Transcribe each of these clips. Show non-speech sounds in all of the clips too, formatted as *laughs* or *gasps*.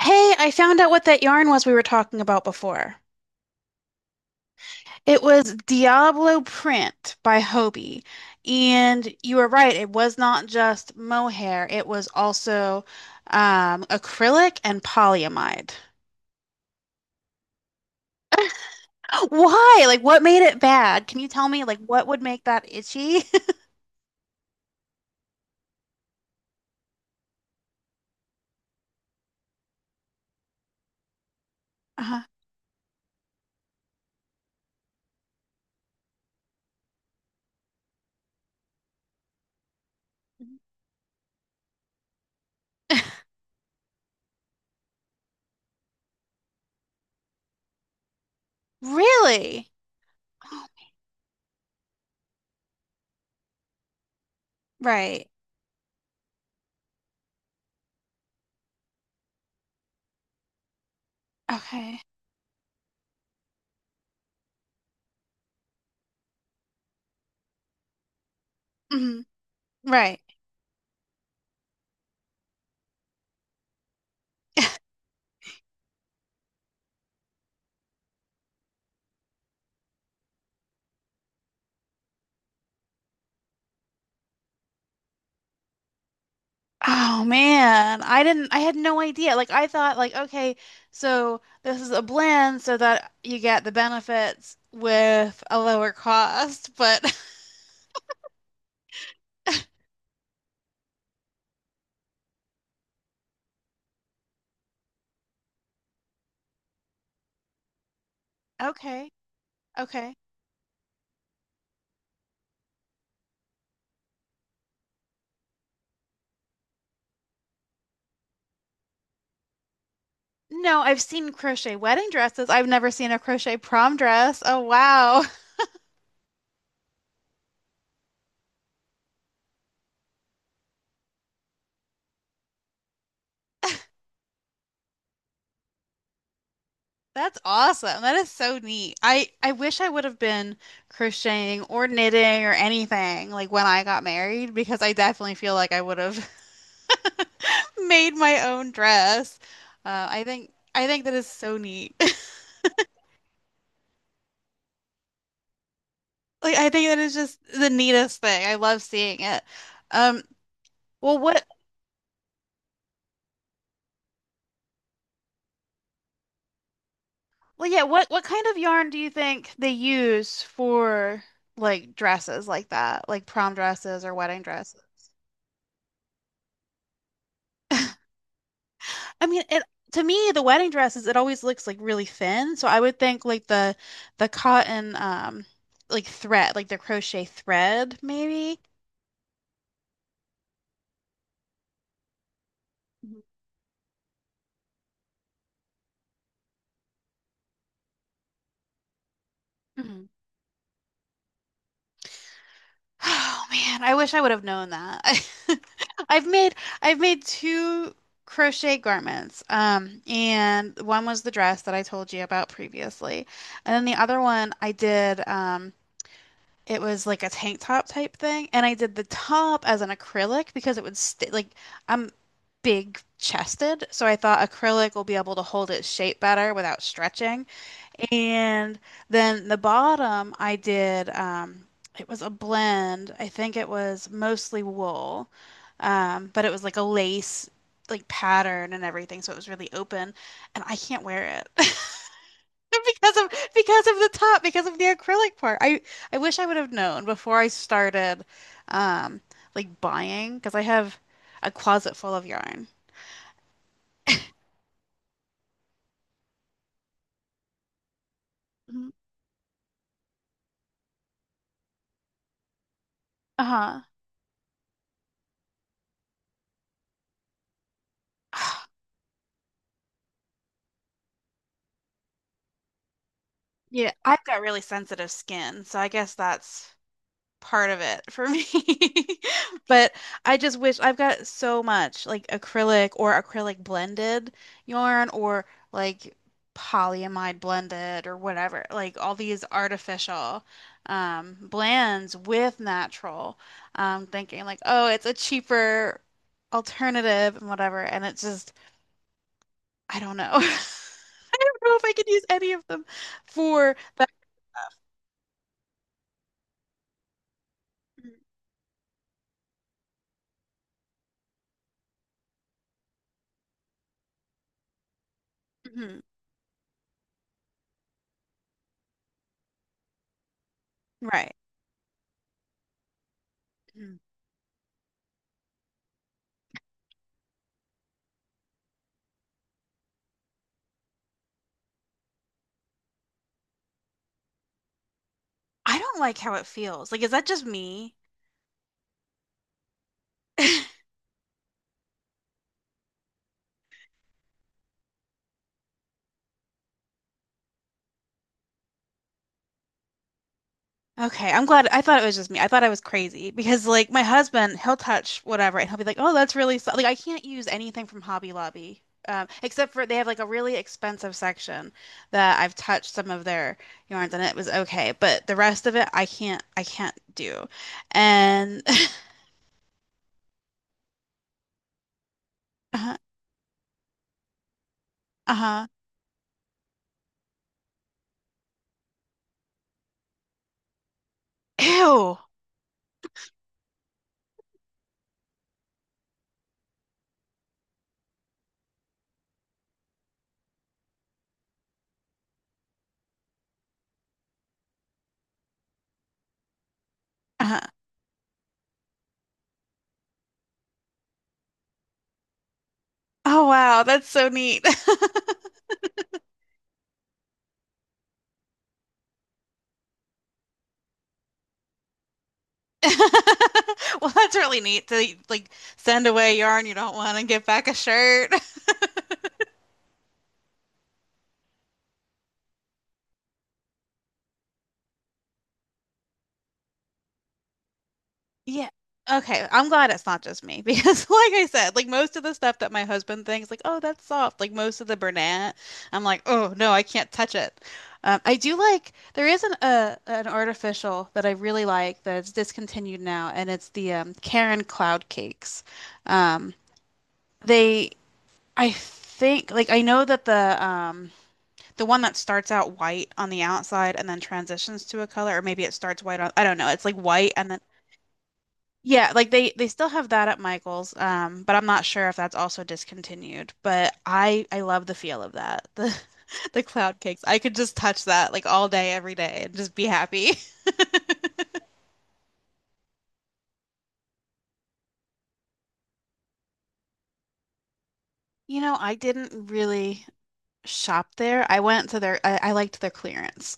Hey, I found out what that yarn was we were talking about before. It was Diablo Print by Hobie. And you were right, it was not just mohair, it was also acrylic and polyamide. *gasps* Why? Like, what made it bad? Can you tell me, like, what would make that itchy? *laughs* Uh-huh. Really? *gasps* Right. Okay. Mhm. Right. *laughs* Oh man, I had no idea. Like I thought like okay, so this is a blend so that you get the benefits with a lower cost, but *laughs* okay. Okay. No, I've seen crochet wedding dresses. I've never seen a crochet prom dress. Oh wow. *laughs* That's awesome. That is so neat. I wish I would have been crocheting or knitting or anything like when I got married because I definitely feel like I would have. *laughs* Made my own dress. I think that is so neat. *laughs* Like I think that is just the neatest thing. I love seeing it. Um, Well, what, yeah, what kind of yarn do you think they use for like dresses like that, like prom dresses or wedding dresses? *laughs* I mean, it to me, the wedding dresses, it always looks like really thin. So I would think like the cotton like thread, like the crochet thread maybe. Mhm. Oh man, I wish I would have known that. *laughs* I've made I've made two crochet garments. And one was the dress that I told you about previously. And then the other one I did it was like a tank top type thing, and I did the top as an acrylic because it would stay like I'm big chested, so I thought acrylic will be able to hold its shape better without stretching. And then the bottom, I did, it was a blend. I think it was mostly wool, but it was like a lace, like pattern and everything. So it was really open, and I can't wear it *laughs* because of the top, because of the acrylic part. I wish I would have known before I started, um, like buying, because I have a closet full of yarn. Mhm. Uh-huh. Yeah, I've got really sensitive skin, so I guess that's part of it for me. *laughs* But I just wish I've got so much like acrylic or acrylic blended yarn or like polyamide blended or whatever, like all these artificial blends with natural. Thinking like, oh, it's a cheaper alternative and whatever. And it's just, I don't know. *laughs* I don't know if I could use any of them for that. Mhm. Right. Mm-hmm. I don't like how it feels. Like, is that just me? *laughs* Okay, I'm glad. I thought it was just me. I thought I was crazy because, like, my husband, he'll touch whatever and he'll be like, "Oh, that's really so-" like I can't use anything from Hobby Lobby, except for they have like a really expensive section that I've touched some of their yarns and it was okay, but the rest of it I can't. I can't do. And *laughs* uh-huh, uh-huh. Ew. Uh-huh. Oh wow, that's so neat. *laughs* *laughs* Well, that's really neat to like send away yarn you don't want and get back a shirt. *laughs* Yeah. Okay, I'm glad it's not just me because, *laughs* like I said, like most of the stuff that my husband thinks, like, oh, that's soft, like most of the Bernat, I'm like, oh, no, I can't touch it. I do like, there is an artificial that I really like that's discontinued now, and it's the Karen Cloud Cakes. Um, they, I think, like, I know that the one that starts out white on the outside and then transitions to a color, or maybe it starts white on, I don't know. It's like white and then yeah, like they still have that at Michael's, but I'm not sure if that's also discontinued. But I love the feel of that. The *laughs* the cloud cakes. I could just touch that like all day, every day and just be happy. *laughs* You know, I didn't really shop there. I liked their clearance.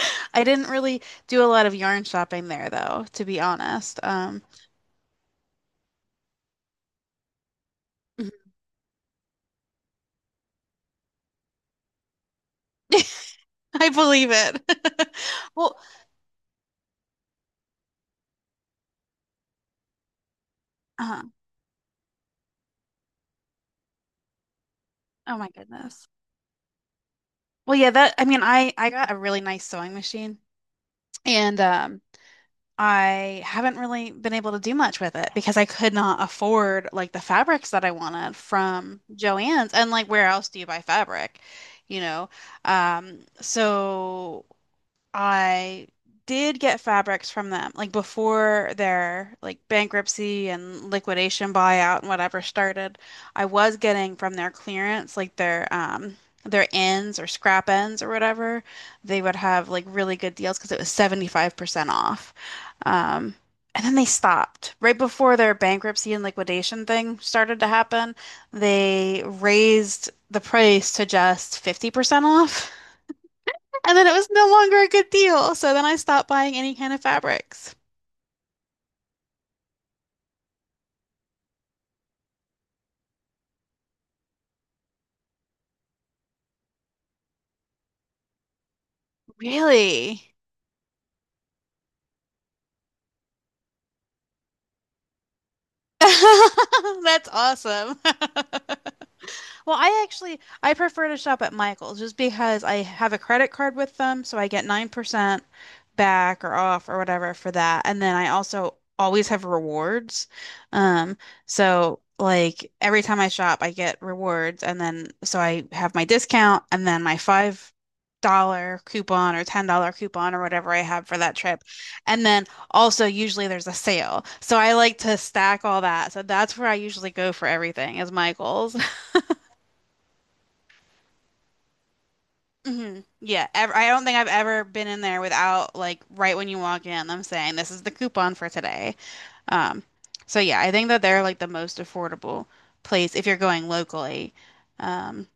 *laughs* I didn't really do a lot of yarn shopping there though, to be honest. *laughs* *laughs* I believe it. *laughs* Well, uh, oh my goodness. Well, yeah, that I mean, I got a really nice sewing machine and I haven't really been able to do much with it because I could not afford like the fabrics that I wanted from Joann's, and like where else do you buy fabric, you know? So I did get fabrics from them, like before their like bankruptcy and liquidation buyout and whatever started. I was getting from their clearance, like their ends or scrap ends or whatever. They would have like really good deals because it was 75% off. Um And then they stopped. Right before their bankruptcy and liquidation thing started to happen, they raised the price to just 50% off. And then it was no longer a good deal. So then I stopped buying any kind of fabrics. Really? *laughs* That's awesome. *laughs* Well, I actually I prefer to shop at Michael's just because I have a credit card with them, so I get 9% back or off or whatever for that. And then I also always have rewards. Um, so like every time I shop, I get rewards, and then so I have my discount and then my $5 coupon or $10 coupon or whatever I have for that trip. And then also usually there's a sale. So I like to stack all that. So that's where I usually go for everything is Michael's. Hmm. Yeah, ever, I don't think I've ever been in there without like right when you walk in, them saying this is the coupon for today. Um, so yeah, I think that they're like the most affordable place if you're going locally. Um,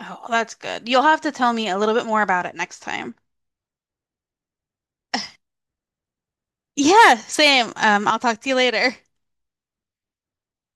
oh, that's good. You'll have to tell me a little bit more about it next time. Yeah, same. I'll talk to you later.